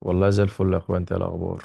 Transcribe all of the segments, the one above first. والله زي الفل يا اخويا. انت إيه الاخبار؟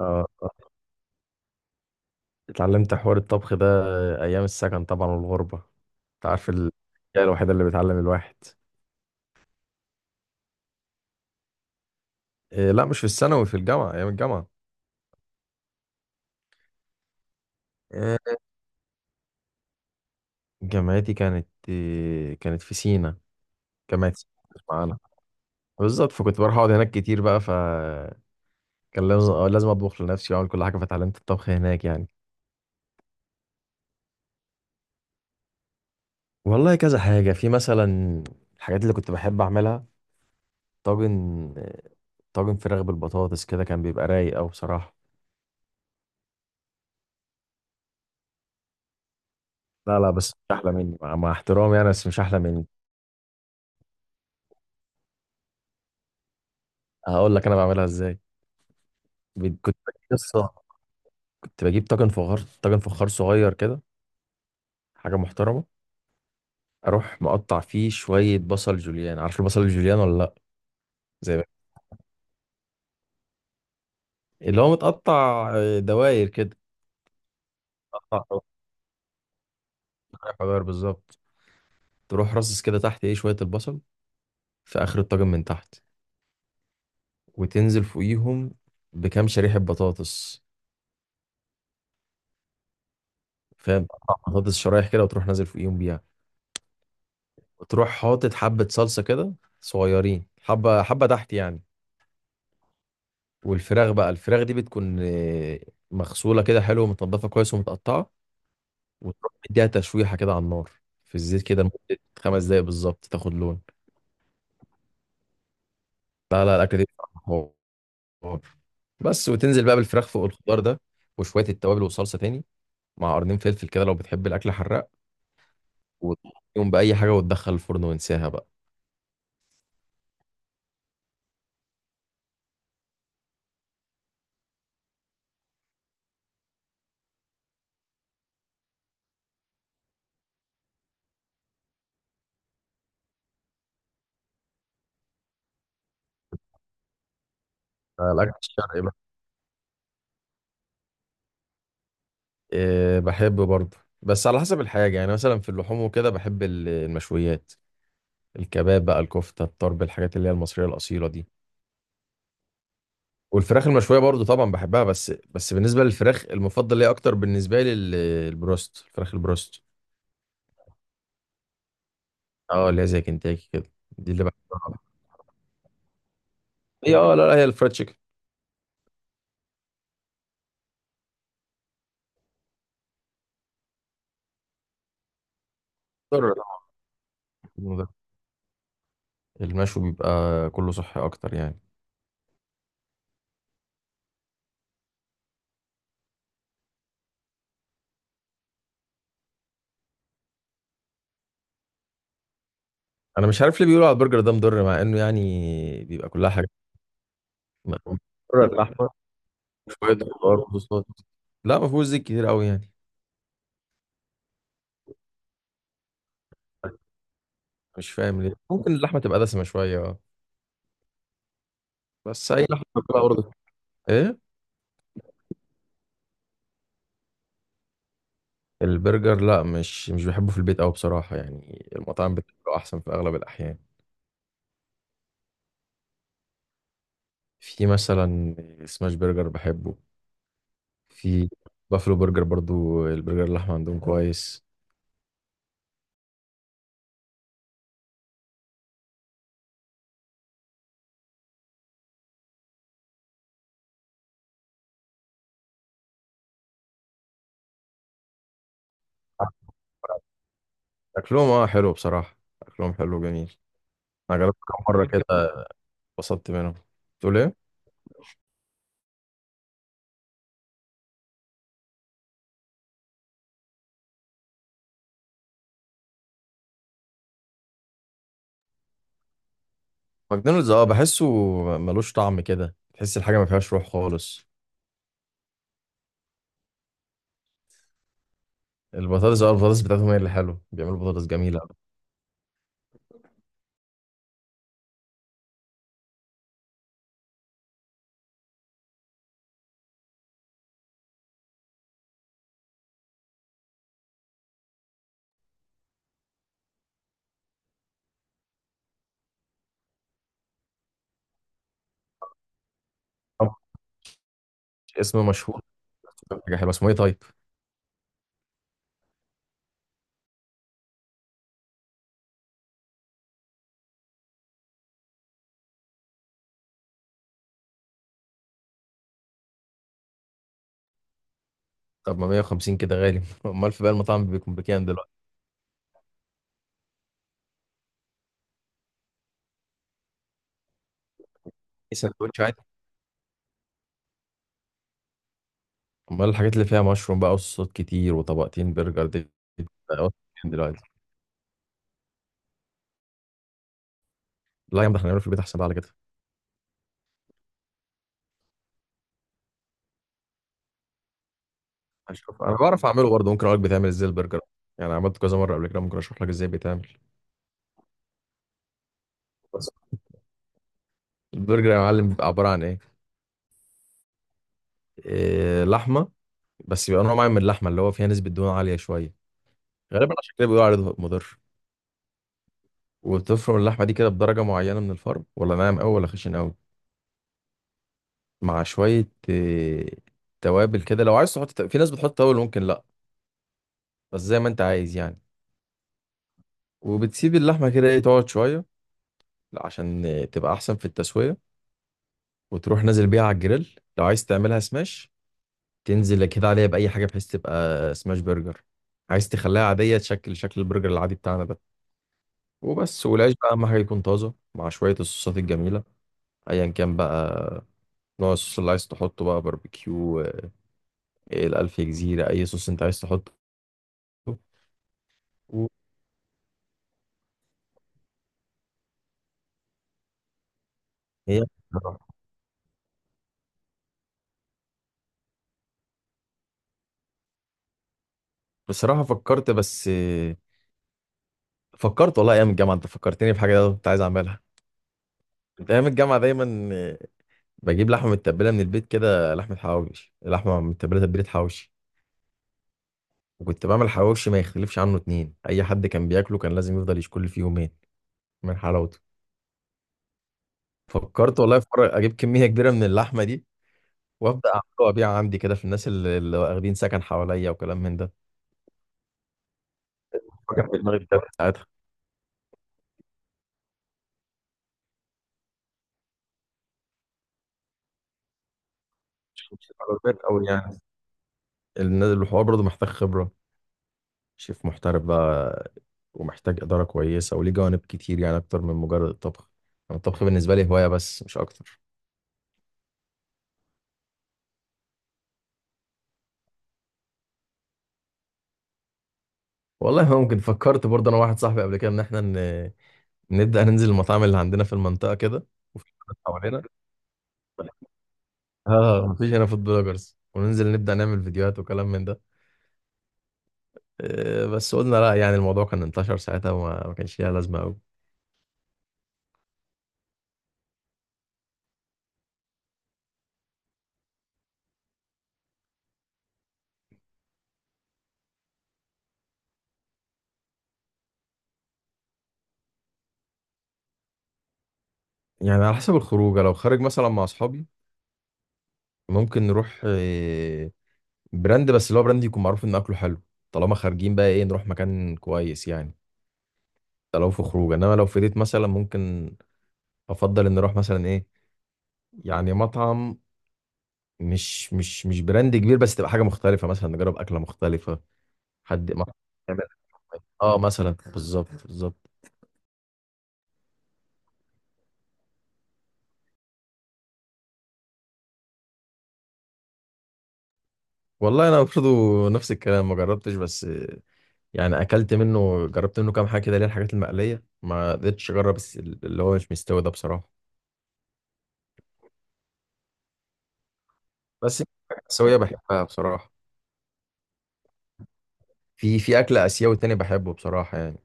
آه. آه. اتعلمت حوار الطبخ ده ايام السكن طبعا والغربه. انت عارف الحاجه الوحيده اللي بتعلم الواحد. إيه، لا مش في الثانوي، في الجامعه، ايام الجامعه. إيه. جامعتي كانت في سينا. جامعه سينا مش معانا بالظبط، فكنت بروح اقعد هناك كتير بقى، فكان لازم اطبخ لنفسي واعمل كل حاجه، فاتعلمت الطبخ هناك يعني. والله كذا حاجة، في مثلا الحاجات اللي كنت بحب أعملها: طاجن، طاجن فراخ بالبطاطس كده، كان بيبقى رايق أوي بصراحة. لا لا، بس مش احلى مني، مع احترامي يعني، بس مش احلى مني. هقول لك انا بعملها ازاي. كنت بجيب قصه، كنت بجيب طاجن فخار، طاجن فخار صغير كده، حاجه محترمه. اروح مقطع فيه شويه بصل جوليان. عارف البصل الجوليان ولا لا؟ زي ما- اللي هو متقطع، دواير كده. متقطع، دواير بالظبط. تروح رصص كده تحت ايه شويه البصل في اخر الطاجن من تحت، وتنزل فوقيهم بكام شريحه بطاطس. فاهم؟ بطاطس شرايح كده، وتروح نازل فوقيهم بيها. وتروح حاطط حبة صلصة كده، صغيرين، حبة حبة تحت يعني. والفراخ بقى، الفراخ دي بتكون مغسولة كده حلو، ومتنضفة كويس، ومتقطعة. وتروح مديها تشويحة كده على النار، في الزيت كده لمدة 5 دقايق بالظبط، تاخد لون. لا لا، الأكلة دي بصراحة حوار. بس وتنزل بقى بالفراخ فوق الخضار ده، وشوية التوابل والصلصة تاني، مع قرنين فلفل كده لو بتحب الأكل حراق، وتقوم بأي حاجة، وتدخل الفرن وانساها بقى. لا، الأكل الشرقي بقى، إيه بحب برضه، بس على حسب الحاجة يعني. مثلا في اللحوم وكده بحب المشويات، الكباب بقى، الكفتة، الطرب، الحاجات اللي هي المصرية الأصيلة دي. والفراخ المشوية برضه طبعا بحبها، بس بالنسبة للفراخ المفضل ليا أكتر، بالنسبة لي البروست، الفراخ البروست. اه، اللي هي زي كنتاكي كده، دي اللي بحبها. هي اه، لا لا، هي الفرايد تشيكن. ضر، طبعاً. المشوي بيبقى كله صحي أكتر يعني. أنا مش عارف ليه بيقولوا على البرجر ده مضر، مع إنه يعني بيبقى كلها حاجات، مضرة، اللحمة، شوية خضار وصوصات. لا، ما فيهوش زيت كتير قوي يعني. مش فاهم ليه، ممكن اللحمه تبقى دسمه شويه، اه. بس اي لحمه بتبقى برضه. ايه، البرجر لا، مش بحبه في البيت قوي بصراحه يعني، المطاعم بتبقى احسن في اغلب الاحيان. في مثلا سماش برجر بحبه، في بافلو برجر برضو، البرجر اللحمه عندهم كويس. اكلهم اه حلو بصراحه، اكلهم حلو جميل. انا جربت كام مره كده، اتبسطت منهم. تقول ايه؟ ماكدونالدز اه، بحسه ملوش طعم كده، تحس الحاجه ما فيهاش روح خالص. البطاطس اه، البطاطس بتاعتهم هي اللي حلوه، بيعملوا بطاطس جميله. طب، اسم مشهور، حاجه حلوه، اسمه ايه طيب؟ طب ما 150 كده غالي امال في بقى المطاعم بيكون بكام دلوقتي؟ ايه، سندوتش عادي؟ امال الحاجات اللي فيها مشروم بقى وصوصات كتير وطبقتين برجر دي، دي بقى بكام دلوقتي؟ لا يا عم، ده احنا هنعمله في البيت احسن بقى على كده. هشوف، انا بعرف اعمله برضه، ممكن اقول لك بيتعمل ازاي البرجر. يعني عملت كذا مره قبل كده، ممكن اشرح لك ازاي بيتعمل. بس البرجر يا معلم بيبقى عباره عن ايه, إيه لحمه، بس بيبقى نوع معين من اللحمه اللي هو فيها نسبه دهون عاليه شويه، غالبا عشان كده بيقولوا عليه مضر. وبتفرم اللحمة دي كده بدرجة معينة من الفرم، ولا ناعم أوي ولا خشن أوي، مع شوية توابل كده. لو عايز تحط، في ناس بتحط توابل، ممكن لأ، بس زي ما أنت عايز يعني. وبتسيب اللحمة كده إيه تقعد شوية عشان تبقى أحسن في التسوية. وتروح نازل بيها على الجريل لو عايز تعملها سماش، تنزل كده عليها بأي حاجة بحيث تبقى سماش برجر. عايز تخليها عادية، تشكل شكل البرجر العادي بتاعنا ده، وبس. والعيش بقى أهم حاجة يكون طازة، مع شوية الصوصات الجميلة، أيا كان بقى نوع الصوص اللي عايز تحطه بقى: باربيكيو، ايه، الألف جزيرة، أي صوص أنت عايز تحطه. هي بصراحة فكرت، بس فكرت والله أيام الجامعة. أنت فكرتني بحاجة أنا كنت عايز أعملها. كنت أيام الجامعة دايما بجيب لحمة متبلة من البيت كده، لحمة حواوش، لحمة متبلة تتبيلة حواوشي. وكنت بعمل حواوشي ما يختلفش عنه اتنين، أي حد كان بياكله كان لازم يفضل يشكل فيه يومين من حلاوته. فكرت والله في مرة أجيب كمية كبيرة من اللحمة دي، وأبدأ أعملها وأبيعها عندي كده، في الناس اللي واخدين سكن حواليا وكلام من ده. فكر في دماغي. مش على البيت قوي يعني. الحوار برضه محتاج خبرة، شيف محترف بقى، ومحتاج إدارة كويسة، وليه جوانب كتير يعني، أكتر من مجرد الطبخ. يعني الطبخ بالنسبة لي هواية بس، مش أكتر. والله ممكن، فكرت برضه أنا واحد صاحبي قبل كده إن إحنا نبدأ ننزل المطاعم اللي عندنا في المنطقة كده، وفي بلد حوالينا. آه، مفيش هنا فود بلوجرز، وننزل نبدأ نعمل فيديوهات وكلام من ده. بس قلنا لا، يعني الموضوع كان انتشر ساعتها وما ما كانش ليها لازمة أوي. يعني على حسب الخروجة، لو خارج مثلا مع أصحابي ممكن نروح براند، بس اللي هو براند يكون معروف ان اكله حلو، طالما خارجين بقى ايه نروح مكان كويس يعني. ده لو في خروج، انما لو في ديت مثلا، ممكن افضل ان نروح مثلا ايه، يعني مطعم مش براند كبير، بس تبقى حاجه مختلفه، مثلا نجرب اكله مختلفه. حد ما يعمل- اه، مثلا، بالظبط بالظبط. والله انا برضه نفس الكلام، ما جربتش. بس يعني اكلت منه، جربت منه كام حاجه كده، اللي هي الحاجات المقليه. ما قدرتش اجرب اللي هو مش مستوي ده بصراحه. بس الحاجات السويه بحبها بصراحه. في اكل اسيوي تاني بحبه بصراحه يعني،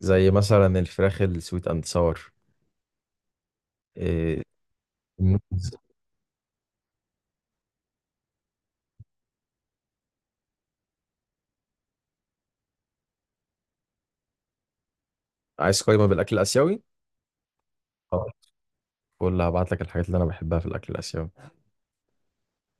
زي مثلا الفراخ السويت اند ساور. إيه، النودلز. عايز قايمه بالاكل الاسيوي؟ خلاص، قول هبعت لك الحاجات اللي انا بحبها في الاكل الاسيوي.